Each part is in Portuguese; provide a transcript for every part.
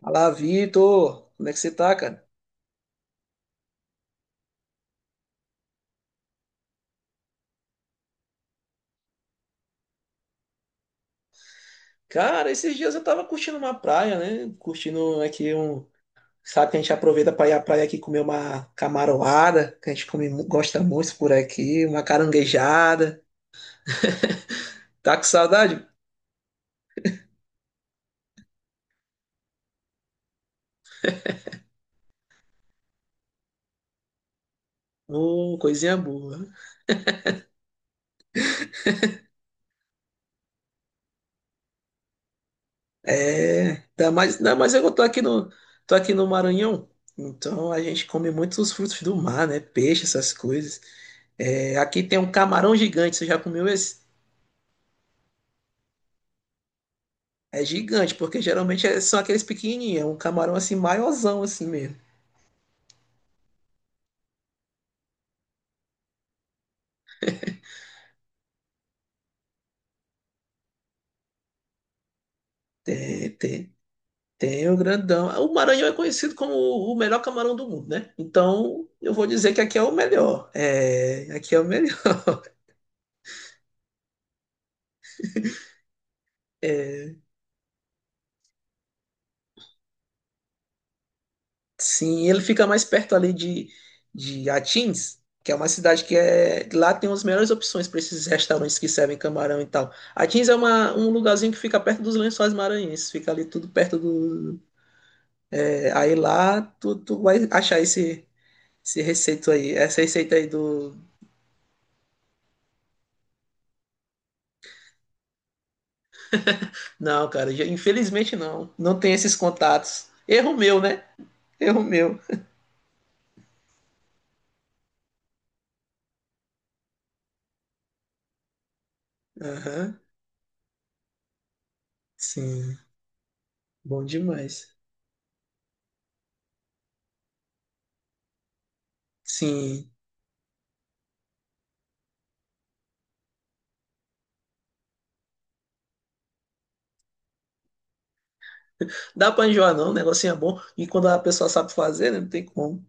Fala, Vitor! Como é que você tá, cara? Cara, esses dias eu tava curtindo uma praia, né? Curtindo aqui um. Sabe que a gente aproveita pra ir à praia aqui comer uma camaroada, que a gente come, gosta muito por aqui, uma caranguejada. Tá com saudade? Coisinha boa. É, ainda mais eu tô aqui tô aqui no Maranhão, então a gente come muitos frutos do mar, né? Peixe, essas coisas. É, aqui tem um camarão gigante, você já comeu esse? É gigante, porque geralmente são aqueles pequenininhos, é um camarão assim, maiorzão assim mesmo. Tem, tem, tem o grandão. O Maranhão é conhecido como o melhor camarão do mundo, né? Então, eu vou dizer que aqui é o melhor. É, aqui é o melhor. Sim, ele fica mais perto ali de Atins, que é uma cidade que é. Lá tem as melhores opções para esses restaurantes que servem camarão e tal. Atins é um lugarzinho que fica perto dos Lençóis Maranhenses, fica ali tudo perto do. É, aí lá tu vai achar esse. Esse receito aí, essa receita aí do. Não, cara, infelizmente não. Não tem esses contatos. Erro meu, né? Erro meu. Aham. Sim. Bom demais. Sim. Dá pra enjoar, não. O negocinho é bom. E quando a pessoa sabe fazer, né? Não tem como.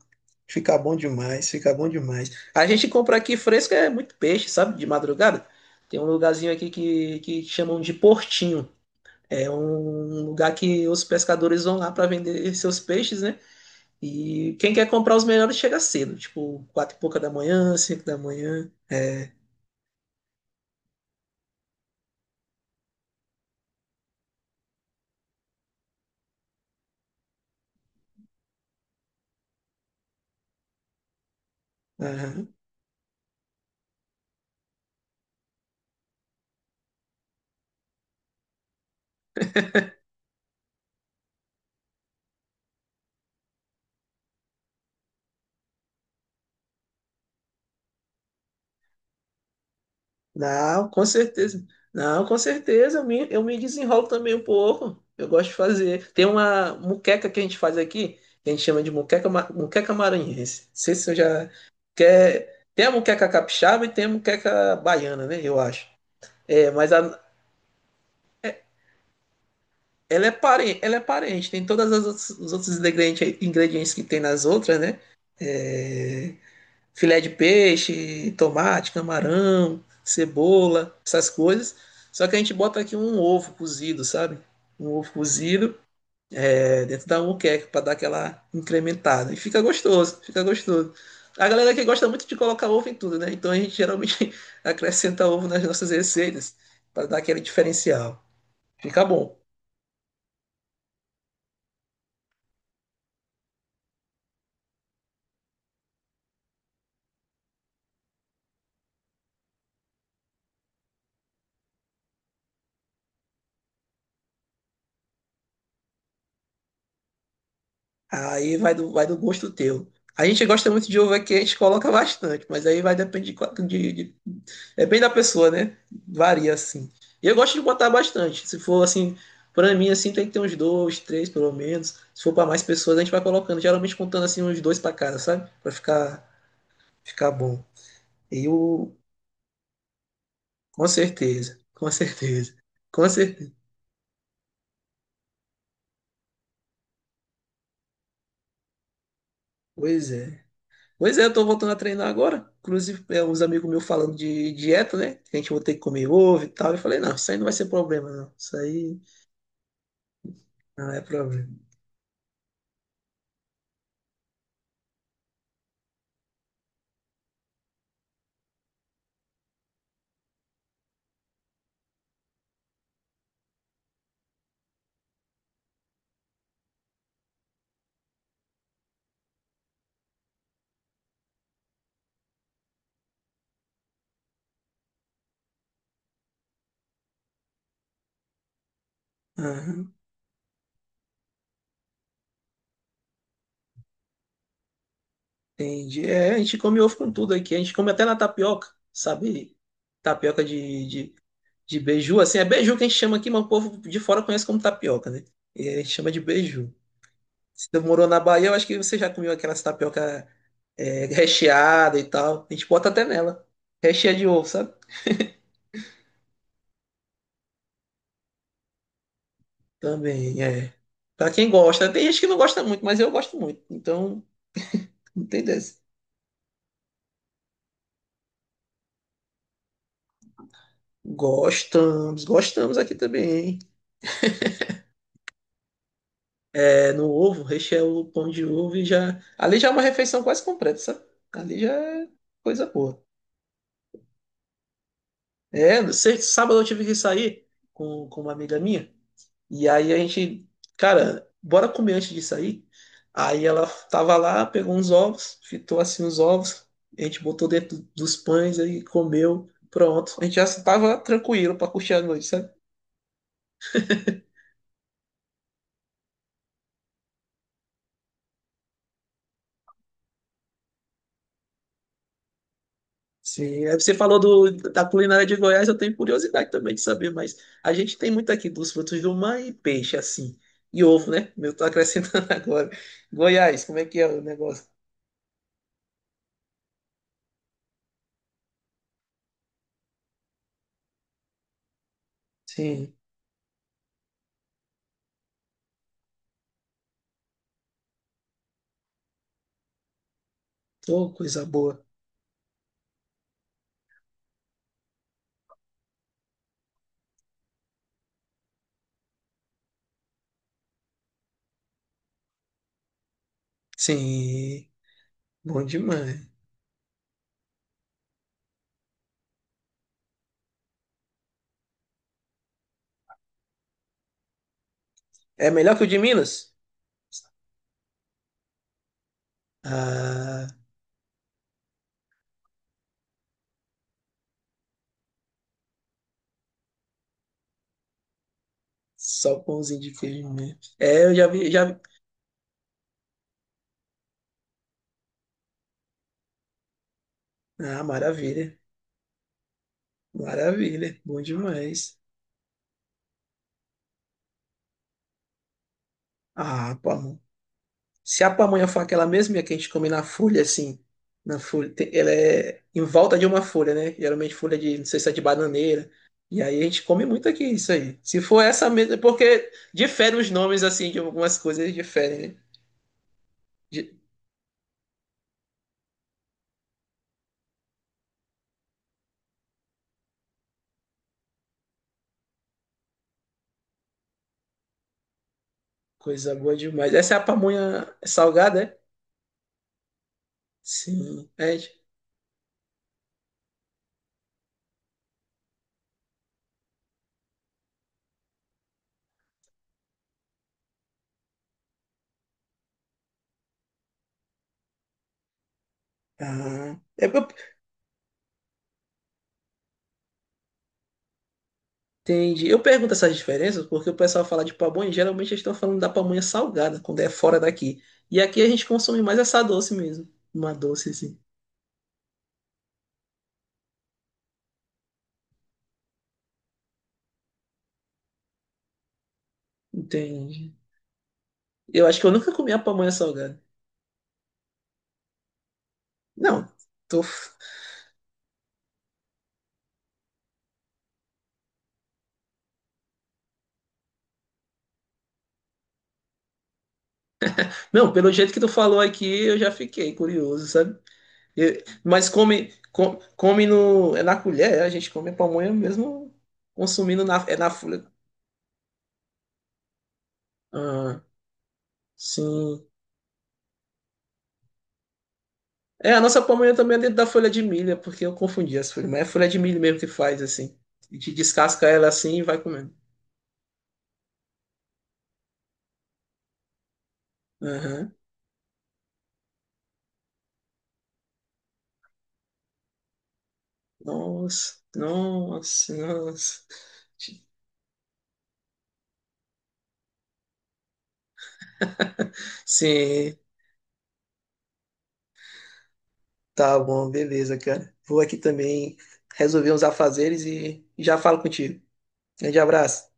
Fica bom demais, fica bom demais. A gente compra aqui fresco é muito peixe, sabe? De madrugada. Tem um lugarzinho aqui que chamam de Portinho. É um lugar que os pescadores vão lá para vender seus peixes, né? E quem quer comprar os melhores chega cedo, tipo, quatro e pouca da manhã, cinco da manhã. Aham. Não, com certeza. Não, com certeza, eu me desenrolo também um pouco. Eu gosto de fazer. Tem uma muqueca que a gente faz aqui, que a gente chama de muqueca, muqueca maranhense. Não sei se eu já quer. Tem a muqueca capixaba e tem a muqueca baiana, né? Eu acho. É, mas é- ela é parente, ela é parente. Tem todas as os outros ingredientes, ingredientes que tem nas outras, né? Filé de peixe, tomate, camarão, cebola, essas coisas. Só que a gente bota aqui um ovo cozido, sabe? Um ovo cozido é, dentro da moqueca para dar aquela incrementada. E fica gostoso, fica gostoso. A galera que gosta muito de colocar ovo em tudo, né? Então a gente geralmente acrescenta ovo nas nossas receitas para dar aquele diferencial. Fica bom. Aí vai vai do gosto teu. A gente gosta muito de ovo aqui, a gente coloca bastante, mas aí vai depender de, depende da pessoa, né? Varia assim. E eu gosto de botar bastante. Se for assim, pra mim assim tem que ter uns dois, três pelo menos. Se for pra mais pessoas, a gente vai colocando, geralmente contando assim uns dois pra cada, sabe? Pra ficar bom. E o com certeza, com certeza. Com certeza. Pois é. Pois é, eu tô voltando a treinar agora. Inclusive, é, uns amigos meus falando de dieta, né? Que a gente vai ter que comer ovo e tal. Eu falei, não, isso aí não vai ser problema, não. Isso aí não é problema. Aham, entendi. É, a gente come ovo com tudo aqui. A gente come até na tapioca, sabe? Tapioca de beiju, assim. É beiju que a gente chama aqui, mas o povo de fora conhece como tapioca, né? E a gente chama de beiju. Se você morou na Bahia, eu acho que você já comeu aquelas tapioca é, recheada e tal. A gente bota até nela. Recheia de ovo, sabe? Também, é. Pra quem gosta, tem gente que não gosta muito, mas eu gosto muito. Então, não tem dessa. Gostamos, gostamos aqui também, hein? É, no ovo, recheia o pão de ovo e já. Ali já é uma refeição quase completa, sabe? Ali já é coisa boa. É, sábado eu tive que sair com uma amiga minha. E aí a gente, cara, bora comer antes de sair? Aí ela tava lá, pegou uns ovos, fitou assim os ovos, a gente botou dentro dos pães aí, comeu, pronto. A gente já tava tranquilo pra curtir a noite, sabe? Sim, aí você falou da culinária de Goiás, eu tenho curiosidade também de saber, mas a gente tem muito aqui dos frutos do mar e peixe, assim. E ovo, né? Eu tô acrescentando agora. Goiás, como é que é o negócio? Sim, tô coisa boa. Sim, bom demais. É melhor que o de Minas? Ah, só pãozinho de queijo mesmo. É, eu já vi, já vi. Ah, maravilha. Maravilha. Bom demais. Ah, pamonha. Se a pamonha for aquela mesma que a gente come na folha, assim, na folha, ela é em volta de uma folha, né? Geralmente folha de, não sei se é de bananeira. E aí a gente come muito aqui isso aí. Se for essa mesma, porque diferem os nomes, assim, de algumas coisas diferem, né? De- Coisa boa demais. Essa é a pamonha salgada, é? Sim. É, Ah, entendi. Eu pergunto essas diferenças porque o pessoal fala de pamonha, e geralmente eles estão falando da pamonha salgada, quando é fora daqui. E aqui a gente consome mais essa doce mesmo. Uma doce, assim. Entendi. Eu acho que eu nunca comi a pamonha salgada. Não, tô... f- Não, pelo jeito que tu falou aqui, eu já fiquei curioso, sabe? Mas come no... É na colher, é? A gente come a pamonha mesmo consumindo na, é na folha. Ah, sim. É, a nossa pamonha também é dentro da folha de milho, é porque eu confundi as folhas. Mas é folha de milho mesmo que faz, assim. A gente descasca ela assim e vai comendo. Aham. Nossa, nossa, nossa. Sim, tá bom, beleza, cara. Vou aqui também resolver uns afazeres e já falo contigo. Grande abraço.